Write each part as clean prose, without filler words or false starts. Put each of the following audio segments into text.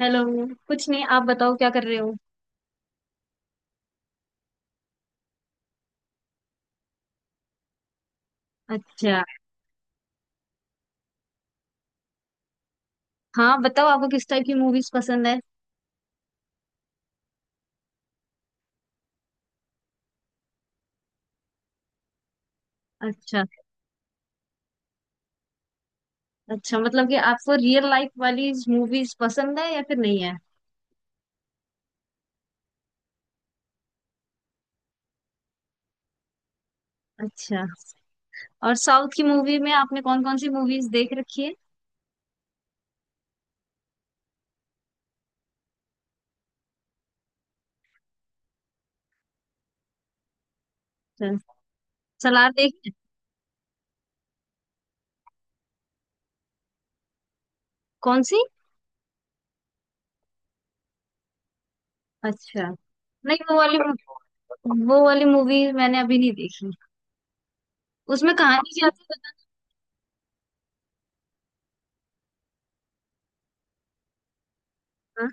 Hello. कुछ नहीं, आप बताओ क्या कर रहे हो। अच्छा। हाँ, बताओ आपको किस टाइप की मूवीज पसंद है। अच्छा। अच्छा, मतलब कि आपको रियल लाइफ वाली मूवीज पसंद है या फिर नहीं है। अच्छा। और साउथ की मूवी में आपने कौन कौन सी मूवीज देख रखी है। अच्छा, सलार देखी है? कौन सी। अच्छा। नहीं, वो वाली मूवी मैंने अभी नहीं देखी। उसमें कहानी क्या थी। बताना।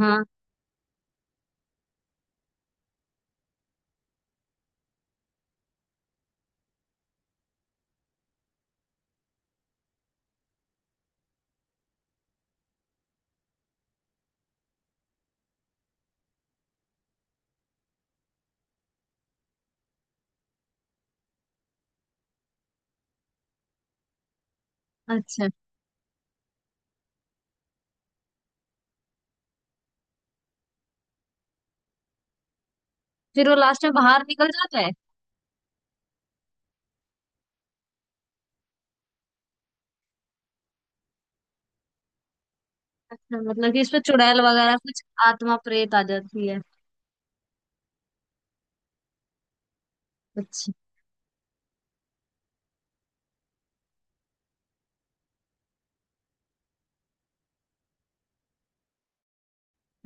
हाँ। अच्छा। फिर वो लास्ट में बाहर निकल जाता है। अच्छा, मतलब कि इसमें चुड़ैल वगैरह कुछ आत्मा प्रेत आ जाती है। अच्छा।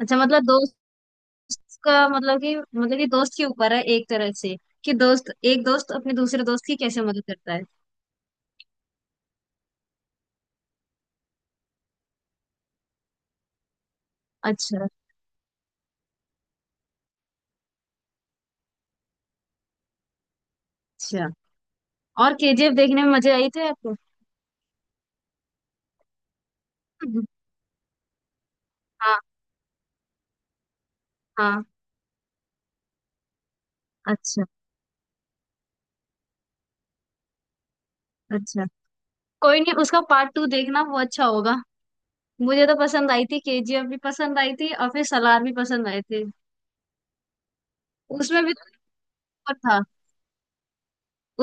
अच्छा, मतलब दोस्त का मतलब कि दोस्त के ऊपर है एक तरह से, कि दोस्त एक दोस्त अपने दूसरे दोस्त की कैसे मदद करता है। अच्छा। अच्छा। और KGF देखने में मजे आई थे आपको। हाँ। हाँ। अच्छा। अच्छा, कोई नहीं, उसका पार्ट टू देखना, वो अच्छा होगा। मुझे तो पसंद आई थी, KGF भी पसंद आई थी और फिर सलार भी पसंद आए थे। उसमें भी तो ऊपर था,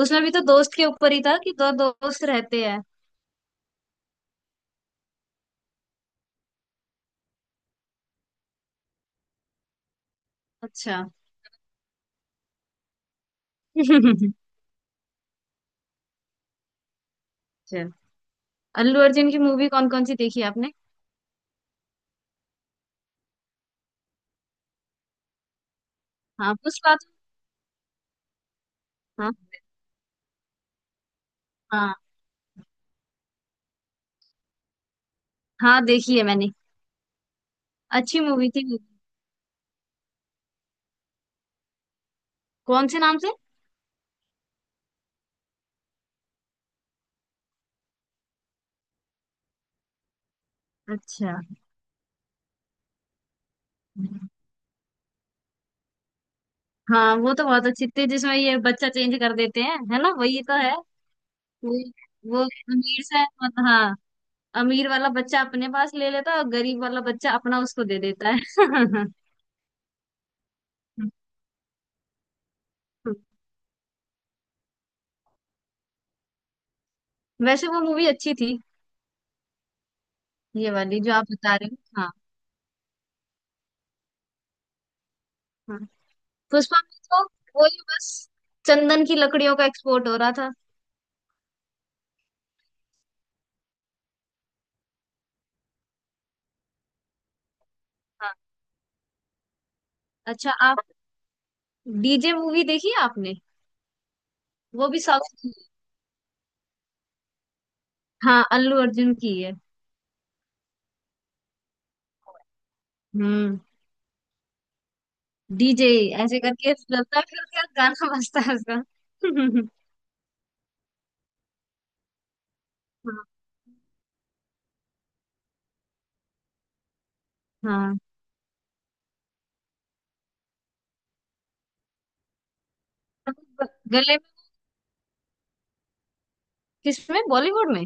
उसमें भी तो दोस्त के ऊपर ही था, कि दो दोस्त रहते हैं। अच्छा। अच्छा। अल्लू अर्जुन की मूवी कौन कौन सी देखी आपने। हाँ पुष्पा। हाँ। हाँ। हाँ देखी है मैंने। अच्छी मूवी थी वो। कौन से नाम से। अच्छा। हाँ, वो तो बहुत अच्छी थी, जिसमें ये बच्चा चेंज कर देते हैं, है ना, वही तो है। वो वो अमीर सा, मतलब हाँ, अमीर वाला बच्चा अपने पास ले लेता है और गरीब वाला बच्चा अपना उसको दे देता है। वैसे वो मूवी अच्छी थी। ये वाली जो आप बता रहे हो, हाँ। हाँ। पुष्पा में तो वही बस चंदन की लकड़ियों का एक्सपोर्ट हो रहा था। हाँ। अच्छा, आप DJ मूवी देखी है आपने। वो भी साउथ। हाँ, अल्लू अर्जुन की है। हम्म। डीजे ऐसे करके चलता है, फिर उसका गाना बजता है उसका। हाँ, हाँ। तो गले में। किसमें, बॉलीवुड में?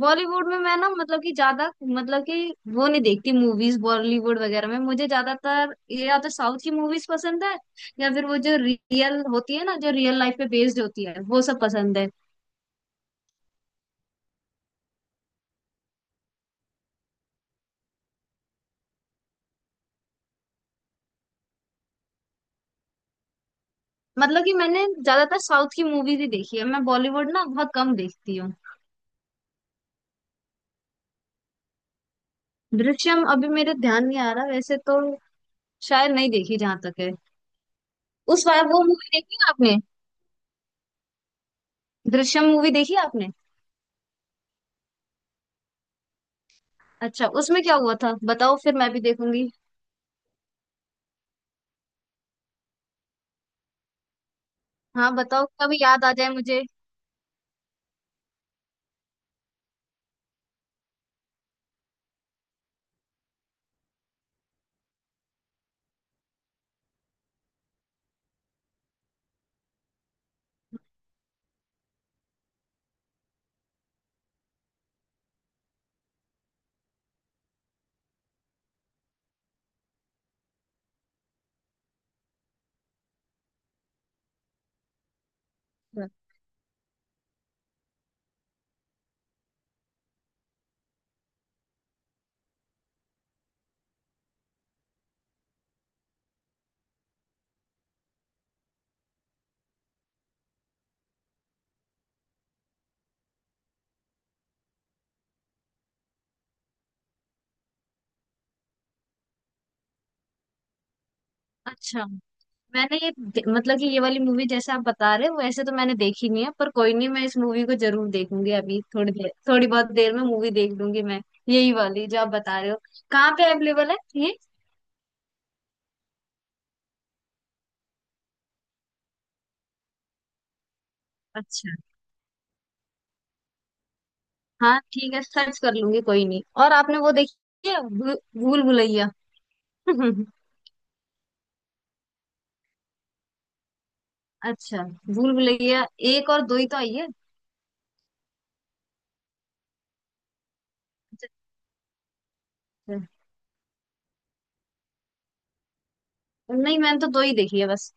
बॉलीवुड में मैं ना, मतलब कि ज्यादा, मतलब कि वो नहीं देखती मूवीज बॉलीवुड वगैरह में, मुझे ज्यादातर ये या तो साउथ की मूवीज पसंद है, या फिर वो जो रियल होती है ना, जो रियल लाइफ पे बेस्ड होती है, वो सब पसंद है। मतलब कि मैंने ज्यादातर साउथ की मूवीज ही देखी है, मैं बॉलीवुड ना बहुत कम देखती हूँ। दृश्यम अभी मेरे ध्यान नहीं आ रहा वैसे तो, शायद नहीं देखी जहां तक है। उस वाला, वो मूवी देखी आपने। दृश्यम मूवी देखी आपने। अच्छा, उसमें क्या हुआ था बताओ, फिर मैं भी देखूंगी। हाँ बताओ, कभी याद आ जाए मुझे। अच्छा, मतलब कि ये वाली मूवी जैसे आप बता रहे हो वैसे तो मैंने देखी नहीं है, पर कोई नहीं, मैं इस मूवी को जरूर देखूंगी, अभी थोड़ी देर, थोड़ी बहुत देर में मूवी देख लूंगी मैं। यही वाली जो आप बता रहे हो, कहाँ पे अवेलेबल है ये। अच्छा। हाँ ठीक है, सर्च कर लूंगी, कोई नहीं। और आपने वो देखी है, भूल भुलैया। अच्छा। भूल भुलैया एक और दो ही तो आई है। अच्छा। अच्छा। नहीं मैंने तो दो ही देखी है बस।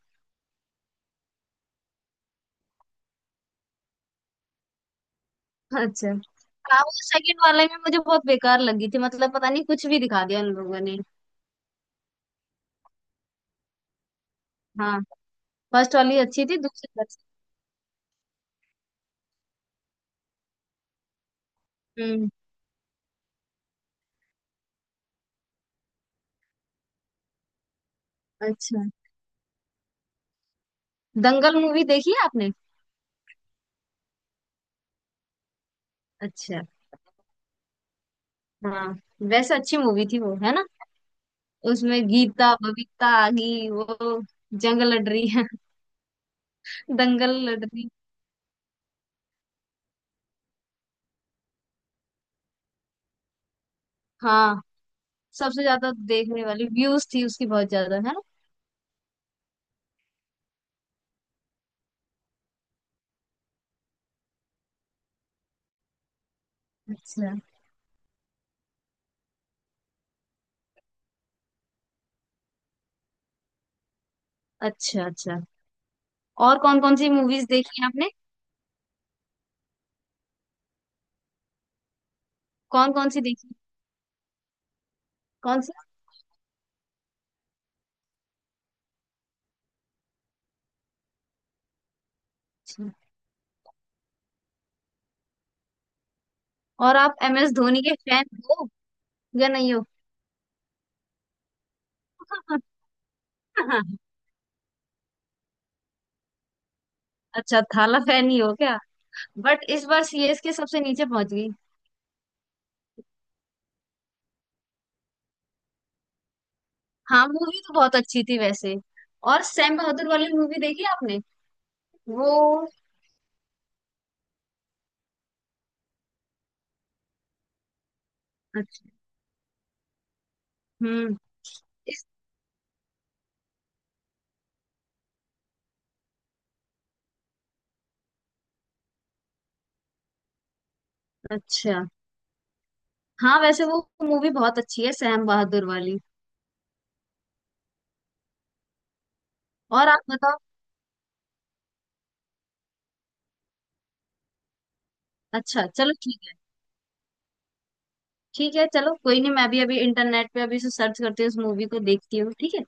अच्छा हाँ, वो सेकंड वाले में मुझे बहुत बेकार लगी थी, मतलब पता नहीं कुछ भी दिखा दिया उन लोगों ने। हाँ, फर्स्ट वाली अच्छी थी, दूसरी अच्छी। हम्म। अच्छा, दंगल मूवी देखी है आपने। अच्छा। हाँ। वैसे अच्छी मूवी थी वो, है ना। उसमें गीता बबीता आगी, वो जंग लड़ रही है। दंगल लड़ रही। हाँ। सबसे ज्यादा देखने वाली व्यूज थी उसकी, बहुत ज्यादा है ना। अच्छा, अच्छा। अच्छा। और कौन कौन सी मूवीज देखी है आपने। कौन कौन सी देखी। कौन सी। अच्छा। और आप MS धोनी के फैन हो या नहीं हो। अच्छा, थाला फैन ही हो क्या। बट इस बार CSK सबसे नीचे पहुंच गई। हाँ मूवी तो बहुत अच्छी थी वैसे। और सैम बहादुर वाली मूवी देखी आपने। वो। अच्छा। हम्म। इस। अच्छा। हाँ वैसे वो मूवी बहुत अच्छी है, सैम बहादुर वाली। और आप बताओ। अच्छा, चलो ठीक है। ठीक है चलो, कोई नहीं, मैं भी अभी इंटरनेट पे अभी से सर्च करती हूँ, उस मूवी को देखती हूँ, ठीक है।